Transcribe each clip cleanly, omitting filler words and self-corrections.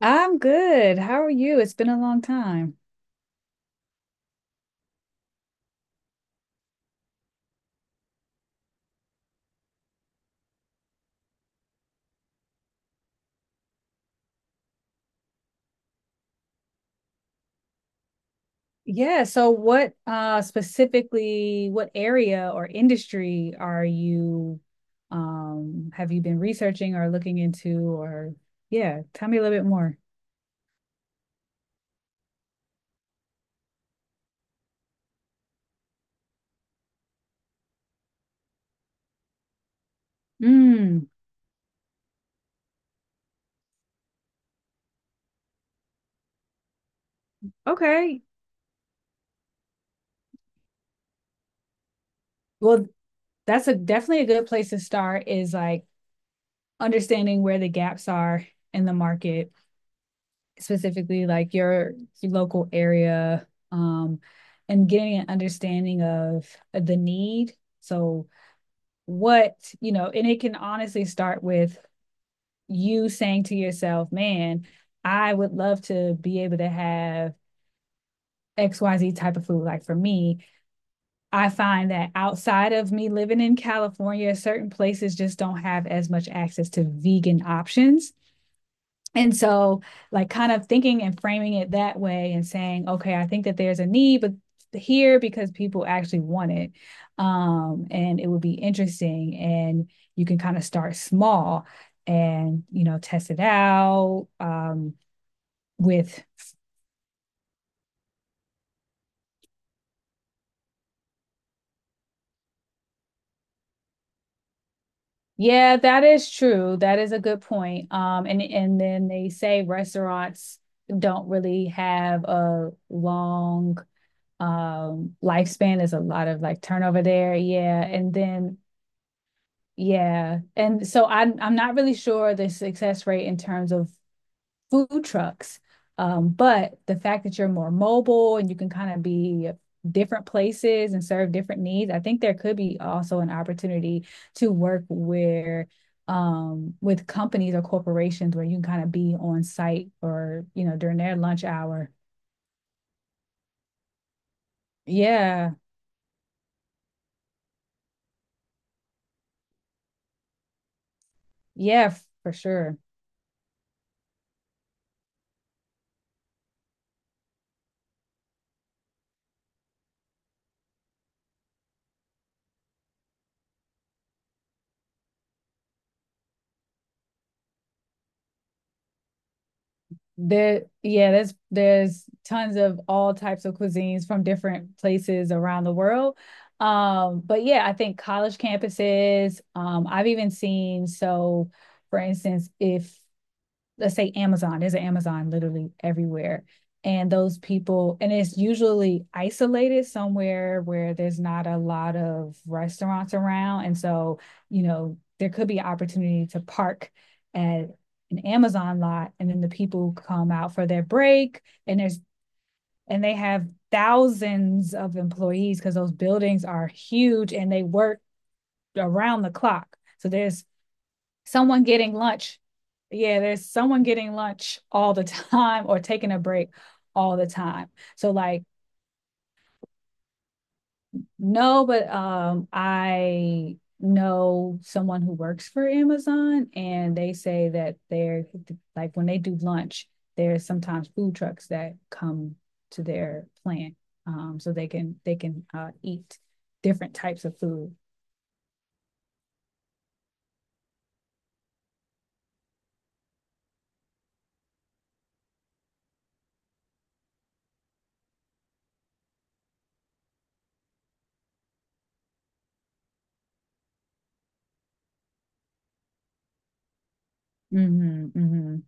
I'm good. How are you? It's been a long time. Yeah, so what specifically what area or industry are you have you been researching or looking into or yeah, tell me a little bit more. Mm, okay. Well, that's a definitely a good place to start is like understanding where the gaps are in the market specifically like your local area, um, and getting an understanding of the need. So, what, you know, and it can honestly start with you saying to yourself, man, I would love to be able to have XYZ type of food. Like for me, I find that outside of me living in California, certain places just don't have as much access to vegan options. And so, like, kind of thinking and framing it that way and saying, okay, I think that there's a need, but here because people actually want it. And it would be interesting. And you can kind of start small and, you know, test it out with, yeah, that is true. That is a good point. And then they say restaurants don't really have a long lifespan. There's a lot of like turnover there, yeah. And then yeah. And so I'm not really sure the success rate in terms of food trucks. But the fact that you're more mobile and you can kind of be different places and serve different needs, I think there could be also an opportunity to work where with companies or corporations where you can kind of be on site or, you know, during their lunch hour. Yeah. Yeah, for sure. There, yeah, there's tons of all types of cuisines from different places around the world. But yeah, I think college campuses, I've even seen so for instance, if let's say Amazon, there's an Amazon literally everywhere. And those people, and it's usually isolated somewhere where there's not a lot of restaurants around. And so, you know, there could be an opportunity to park at an Amazon lot, and then the people come out for their break, and there's and they have thousands of employees because those buildings are huge and they work around the clock. So there's someone getting lunch. Yeah, there's someone getting lunch all the time or taking a break all the time. So like no, but I know someone who works for Amazon, and they say that they're like when they do lunch, there's sometimes food trucks that come to their plant, so they can eat different types of food. Mhm, mhm.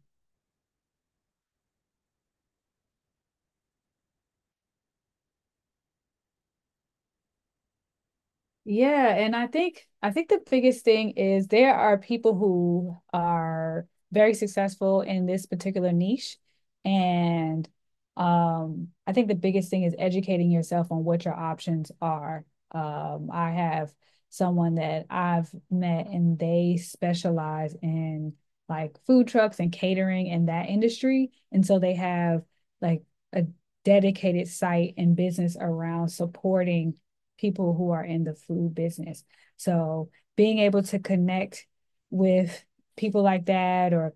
Yeah, and I think the biggest thing is there are people who are very successful in this particular niche, and I think the biggest thing is educating yourself on what your options are. I have someone that I've met, and they specialize in like food trucks and catering in that industry, and so they have like a dedicated site and business around supporting people who are in the food business. So being able to connect with people like that, or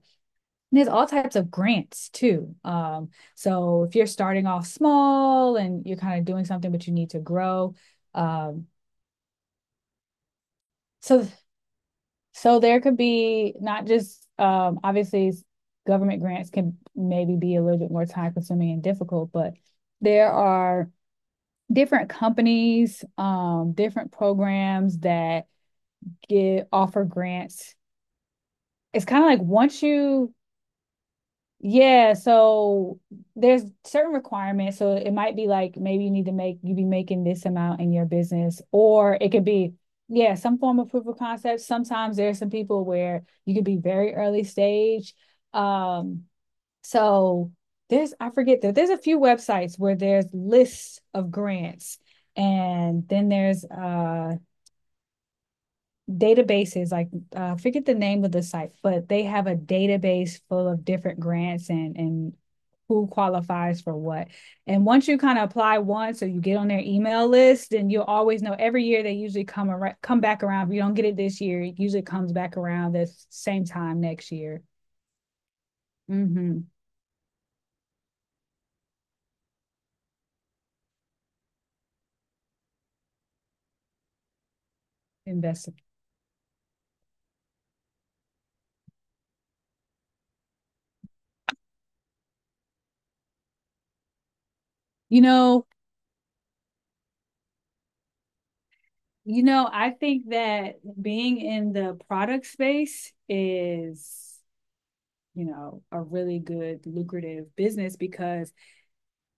there's all types of grants too. So if you're starting off small and you're kind of doing something but you need to grow, um, so so there could be not just obviously government grants can maybe be a little bit more time consuming and difficult, but there are different companies, different programs that get offer grants. It's kind of like once you yeah, so there's certain requirements. So it might be like maybe you need to make you be making this amount in your business, or it could be, yeah, some form of proof of concept. Sometimes there's some people where you could be very early stage. Um, so there's I forget that there's a few websites where there's lists of grants, and then there's databases like I forget the name of the site, but they have a database full of different grants, and who qualifies for what. And once you kind of apply once or you get on their email list, then you'll always know every year they usually come around come back around. If you don't get it this year, it usually comes back around the same time next year. Mm-hmm. invest you know I think that being in the product space is, you know, a really good lucrative business because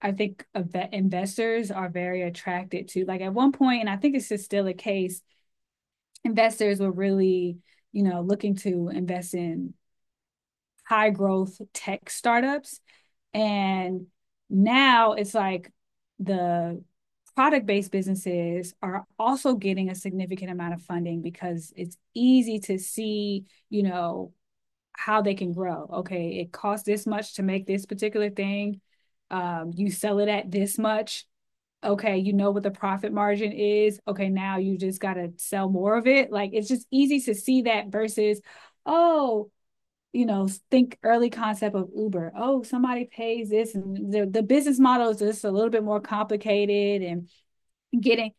I think investors are very attracted to. Like at one point, and I think it's just still a case, investors were really, you know, looking to invest in high growth tech startups. And now it's like the product based businesses are also getting a significant amount of funding because it's easy to see, you know, how they can grow. Okay, it costs this much to make this particular thing. You sell it at this much, okay, you know what the profit margin is. Okay, now you just got to sell more of it. Like it's just easy to see that versus, oh, you know, think early concept of Uber. Oh, somebody pays this, and the business model is just a little bit more complicated, and getting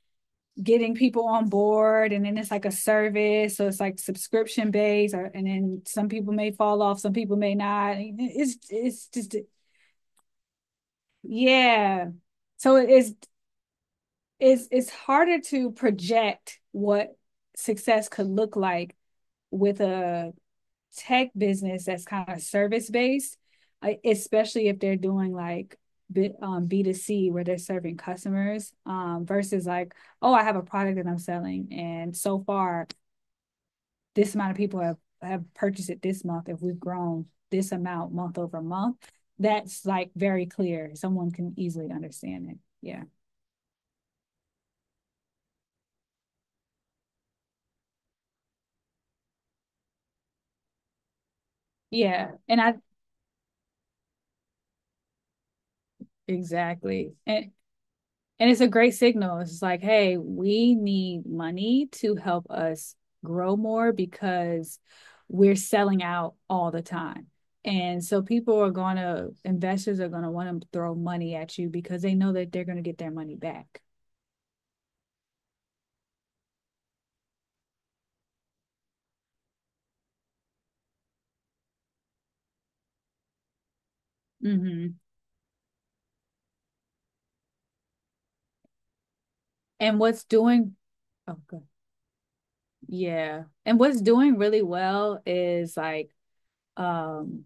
getting people on board, and then it's like a service, so it's like subscription based, or, and then some people may fall off, some people may not. It's just yeah. So it's harder to project what success could look like with a tech business that's kind of service based, especially if they're doing like B2C where they're serving customers, versus like, oh, I have a product that I'm selling. And so far, this amount of people have purchased it this month. If we've grown this amount month over month, that's like very clear. Someone can easily understand it. Yeah. Yeah. Exactly. And it's a great signal. It's like, hey, we need money to help us grow more because we're selling out all the time. And so people are going to, investors are going to want to throw money at you because they know that they're going to get their money back. Mm-hmm. And what's doing, oh, good. Yeah. And what's doing really well is like um,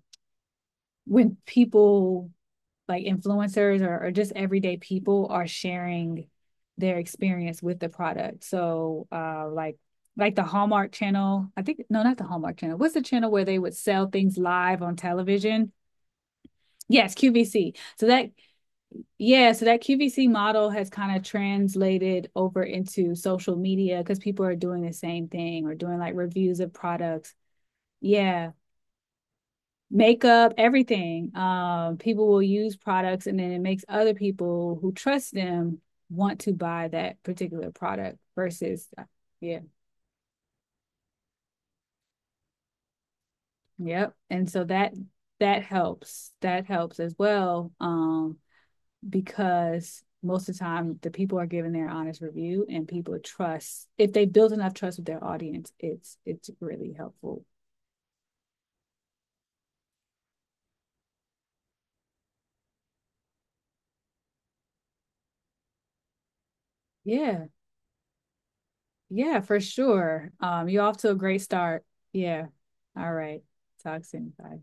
when people like influencers, or just everyday people are sharing their experience with the product. So like the Hallmark channel, I think no, not the Hallmark channel. What's the channel where they would sell things live on television? Yes, QVC. So that yeah, so that QVC model has kind of translated over into social media because people are doing the same thing or doing like reviews of products. Yeah. Makeup, everything. People will use products and then it makes other people who trust them want to buy that particular product versus yeah, yep. And so that that helps. That helps as well. Because most of the time the people are giving their honest review, and people trust if they build enough trust with their audience, it's really helpful. Yeah. Yeah, for sure. You're off to a great start. Yeah. All right. Talk soon. Bye.